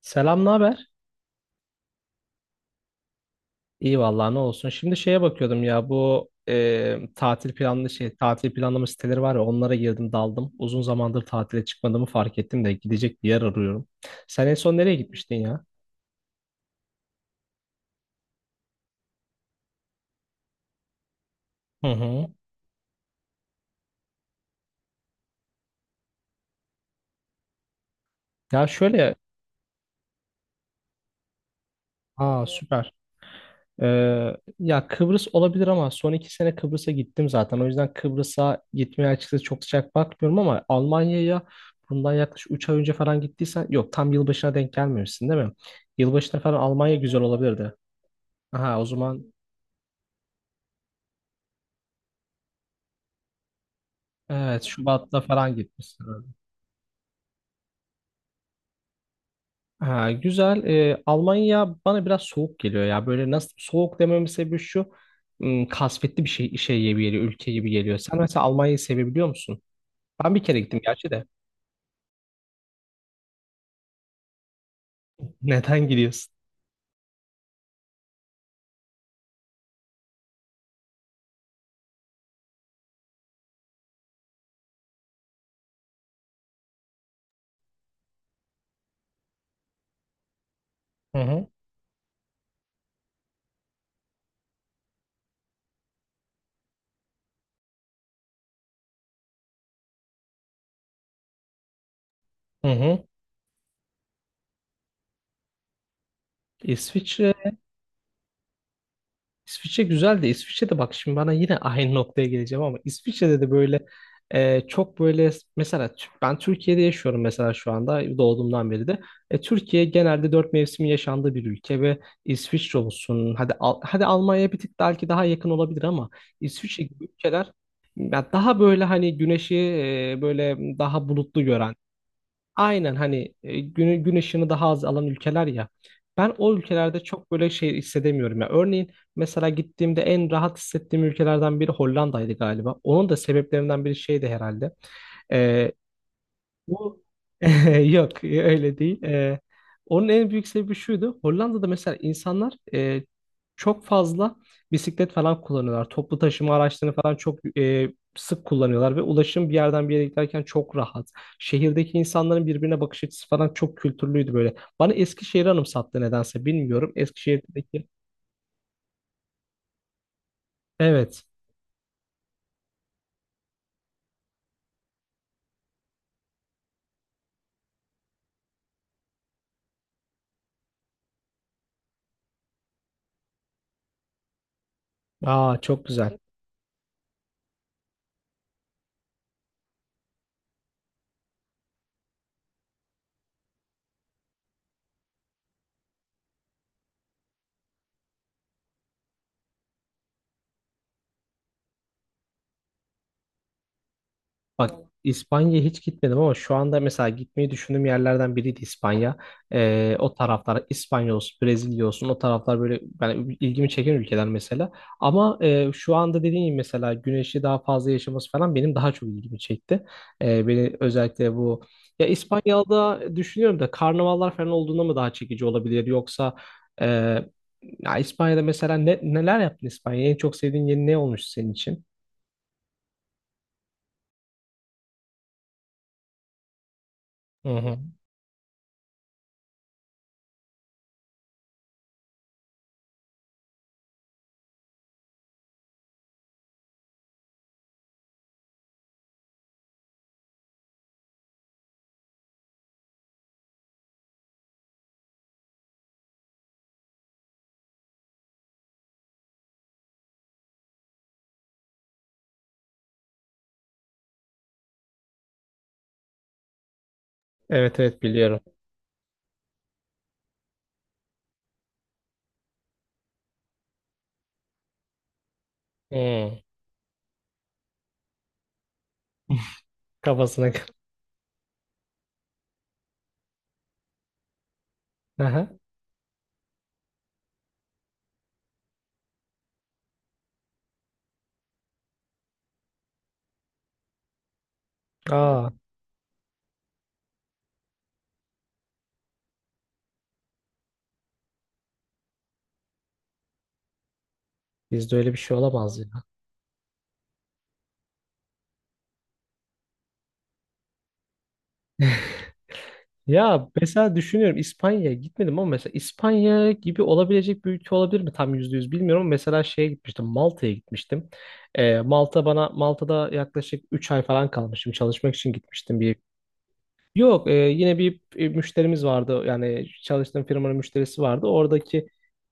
Selam, ne haber? İyi vallahi ne olsun. Şimdi şeye bakıyordum ya bu tatil planlı şey tatil planlama siteleri var ya onlara girdim daldım. Uzun zamandır tatile çıkmadığımı fark ettim de gidecek bir yer arıyorum. Sen en son nereye gitmiştin ya? Hı hı. Ya şöyle, aa süper. Ya Kıbrıs olabilir ama son 2 sene Kıbrıs'a gittim zaten. O yüzden Kıbrıs'a gitmeye açıkçası çok sıcak bakmıyorum ama Almanya'ya bundan yaklaşık 3 ay önce falan gittiysen yok, tam yılbaşına denk gelmemişsin değil mi? Yılbaşına falan Almanya güzel olabilirdi. Aha, o zaman evet, Şubat'ta falan gitmişsin. Ha, güzel. Almanya bana biraz soğuk geliyor ya. Böyle nasıl, soğuk dememin sebebi şu. Kasvetli bir şey, şey gibi geliyor, ülke gibi geliyor. Sen mesela Almanya'yı sevebiliyor musun? Ben bir kere gittim gerçi de. Neden gidiyorsun? Hı hı. Hı hı. İsviçre İsviçre güzel de İsviçre'de bak, şimdi bana yine aynı noktaya geleceğim ama İsviçre'de de böyle çok böyle mesela ben Türkiye'de yaşıyorum mesela şu anda, doğduğumdan beri de. Türkiye genelde 4 mevsimin yaşandığı bir ülke ve İsviçre olsun, hadi Almanya'ya bir tık belki daha yakın olabilir ama İsviçre gibi ülkeler ya daha böyle hani güneşi böyle daha bulutlu gören. Aynen, hani gün ışığını daha az alan ülkeler ya. Ben o ülkelerde çok böyle şey hissedemiyorum ya. Örneğin mesela gittiğimde en rahat hissettiğim ülkelerden biri Hollanda'ydı galiba. Onun da sebeplerinden biri şeydi herhalde. Bu yok öyle değil. Onun en büyük sebebi şuydu. Hollanda'da mesela insanlar çok fazla bisiklet falan kullanıyorlar. Toplu taşıma araçlarını falan çok sık kullanıyorlar ve ulaşım bir yerden bir yere giderken çok rahat. Şehirdeki insanların birbirine bakış açısı falan çok kültürlüydü böyle. Bana Eskişehir'i anımsattı, nedense bilmiyorum. Eskişehir'deki evet. Aa, çok güzel. Bak, İspanya'ya hiç gitmedim ama şu anda mesela gitmeyi düşündüğüm yerlerden biriydi İspanya. O taraflar, İspanya olsun, Brezilya olsun, o taraflar böyle ben ilgimi çeken ülkeler mesela. Ama şu anda dediğim gibi mesela güneşi daha fazla yaşaması falan benim daha çok ilgimi çekti. Beni özellikle bu ya İspanya'da düşünüyorum da, karnavallar falan olduğunda mı daha çekici olabilir, yoksa e, ya İspanya'da mesela neler yaptın İspanya'ya? En çok sevdiğin yeri ne olmuştu senin için? Hı hı. Evet, evet, biliyorum. Hı. Kafasına. Aha. Aa, bizde öyle bir şey olamaz ya. Ya mesela düşünüyorum, İspanya'ya gitmedim ama mesela İspanya gibi olabilecek bir ülke olabilir mi? Tam %100 bilmiyorum ama mesela şeye gitmiştim, Malta'ya gitmiştim. Malta'da yaklaşık 3 ay falan kalmışım, çalışmak için gitmiştim bir. Yok, yine bir müşterimiz vardı. Yani çalıştığım firmanın müşterisi vardı. Oradaki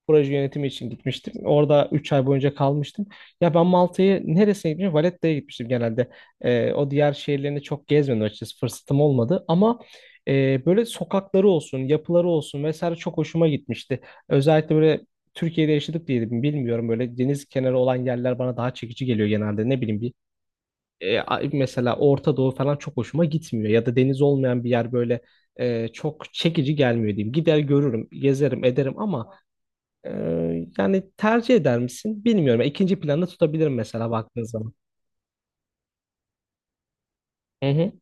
proje yönetimi için gitmiştim. Orada 3 ay boyunca kalmıştım. Ya ben Malta'yı neresine gitmiştim? Valetta'ya gitmiştim genelde. O diğer şehirlerini çok gezmedim açıkçası. Fırsatım olmadı. Ama böyle sokakları olsun, yapıları olsun vesaire çok hoşuma gitmişti. Özellikle böyle Türkiye'de yaşadık diye de bilmiyorum. Böyle deniz kenarı olan yerler bana daha çekici geliyor genelde. Ne bileyim, mesela Orta Doğu falan çok hoşuma gitmiyor. Ya da deniz olmayan bir yer böyle çok çekici gelmiyor diyeyim. Gider görürüm, gezerim, ederim ama e, yani tercih eder misin bilmiyorum. İkinci planda tutabilirim mesela baktığın zaman. Hı hı.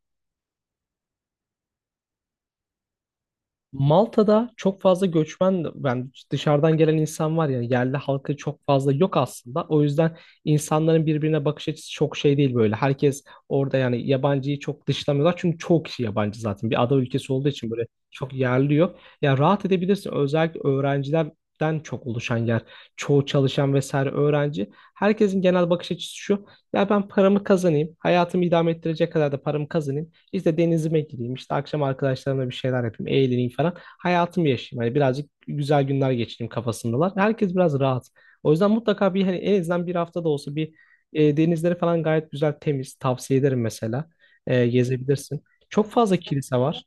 Malta'da çok fazla göçmen, yani dışarıdan gelen insan var ya, yerli halkı çok fazla yok aslında. O yüzden insanların birbirine bakış açısı çok şey değil böyle. Herkes orada yani yabancıyı çok dışlamıyorlar. Çünkü çoğu kişi yabancı zaten. Bir ada ülkesi olduğu için böyle çok yerli yok. Ya rahat edebilirsin. Özellikle öğrencilerden çok oluşan yer. Çoğu çalışan vesaire öğrenci. Herkesin genel bakış açısı şu. Ya ben paramı kazanayım. Hayatımı idame ettirecek kadar da paramı kazanayım. İşte denizime gireyim, işte akşam arkadaşlarımla bir şeyler yapayım, eğleneyim falan. Hayatımı yaşayayım. Hani birazcık güzel günler geçireyim kafasındalar. Herkes biraz rahat. O yüzden mutlaka bir, hani en azından bir hafta da olsa bir denizleri falan gayet güzel temiz. Tavsiye ederim mesela. Gezebilirsin. Çok fazla kilise var.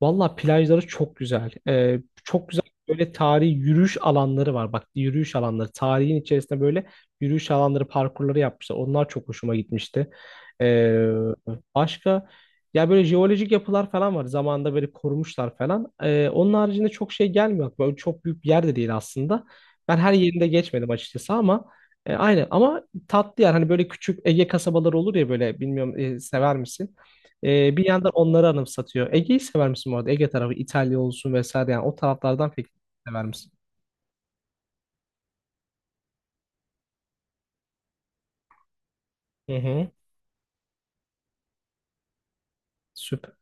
Valla plajları çok güzel. Çok güzel böyle tarihi yürüyüş alanları var. Bak, yürüyüş alanları. Tarihin içerisinde böyle yürüyüş alanları, parkurları yapmışlar. Onlar çok hoşuma gitmişti. Ee, Başka ya böyle jeolojik yapılar falan var. Zamanında böyle korumuşlar falan. Onun haricinde çok şey gelmiyor. Böyle çok büyük bir yer de değil aslında. Ben her yerinde geçmedim açıkçası ama aynı ama tatlı yer. Hani böyle küçük Ege kasabaları olur ya, böyle bilmiyorum, sever misin? Bir yandan onları anımsatıyor. Ege'yi sever misin bu arada? Ege tarafı, İtalya olsun vesaire, yani o taraflardan pek sever misin? Hı hı. Süper.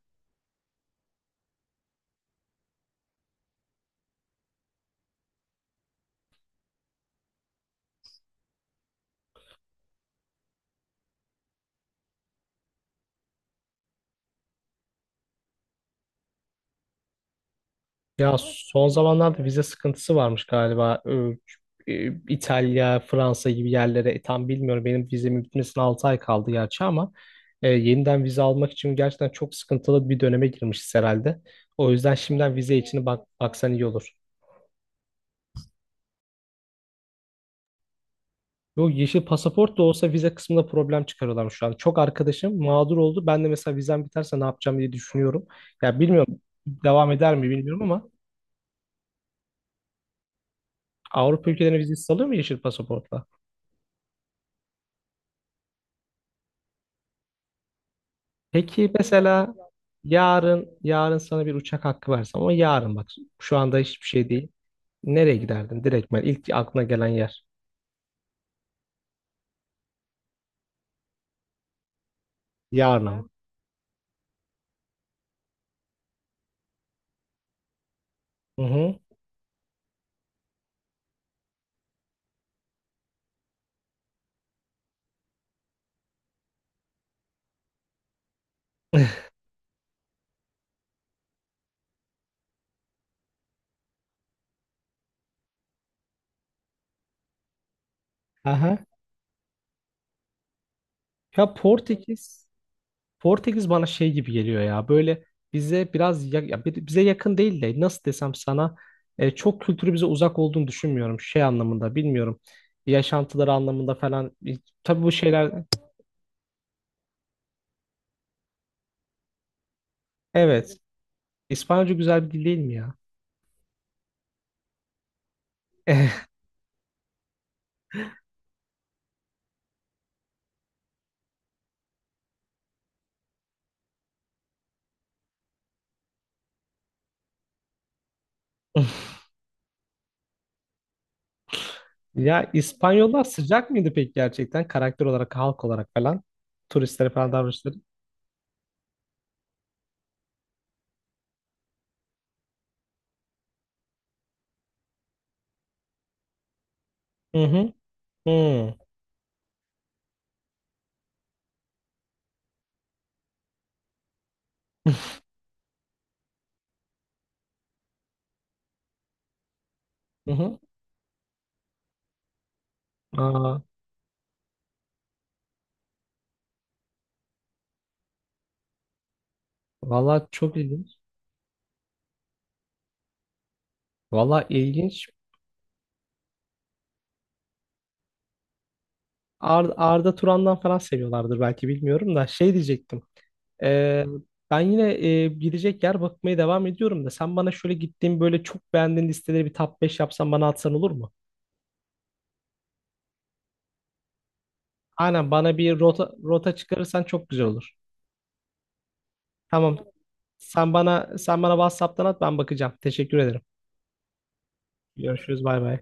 Ya son zamanlarda vize sıkıntısı varmış galiba. İtalya, Fransa gibi yerlere tam bilmiyorum. Benim vizemin bitmesine 6 ay kaldı gerçi ama yeniden vize almak için gerçekten çok sıkıntılı bir döneme girmişiz herhalde. O yüzden şimdiden vize için bak, baksan iyi olur. Yok, yeşil pasaport da olsa vize kısmında problem çıkarıyorlar şu an. Çok arkadaşım mağdur oldu. Ben de mesela vizem biterse ne yapacağım diye düşünüyorum. Ya bilmiyorum, devam eder mi bilmiyorum ama Avrupa ülkelerine vizesi alıyor mu yeşil pasaportla? Peki mesela yarın, yarın sana bir uçak hakkı versem ama yarın bak, şu anda hiçbir şey değil. Nereye giderdin? Direkt ben, ilk aklına gelen yer. Yarın ama. Hı hı. Aha. Ya Portekiz bana şey gibi geliyor ya, böyle bize biraz, ya bize yakın değil de nasıl desem sana, çok kültürü bize uzak olduğunu düşünmüyorum şey anlamında, bilmiyorum yaşantıları anlamında falan. Tabii bu şeyler evet. İspanyolca güzel bir dil değil mi ya? Ya İspanyollar sıcak mıydı peki gerçekten, karakter olarak, halk olarak falan turistlere falan davranışları? Hı hı. Hı. Hı hı. Aa, valla çok ilginç. Valla ilginç. Arda Turan'dan falan seviyorlardır belki, bilmiyorum da şey diyecektim. Ee, Ben yine gidecek yer bakmaya devam ediyorum da sen bana şöyle gittiğim böyle çok beğendiğin listeleri bir top 5 yapsan bana atsan olur mu? Aynen, bana bir rota çıkarırsan çok güzel olur. Tamam. Sen bana WhatsApp'tan at, ben bakacağım. Teşekkür ederim. Görüşürüz bay bay.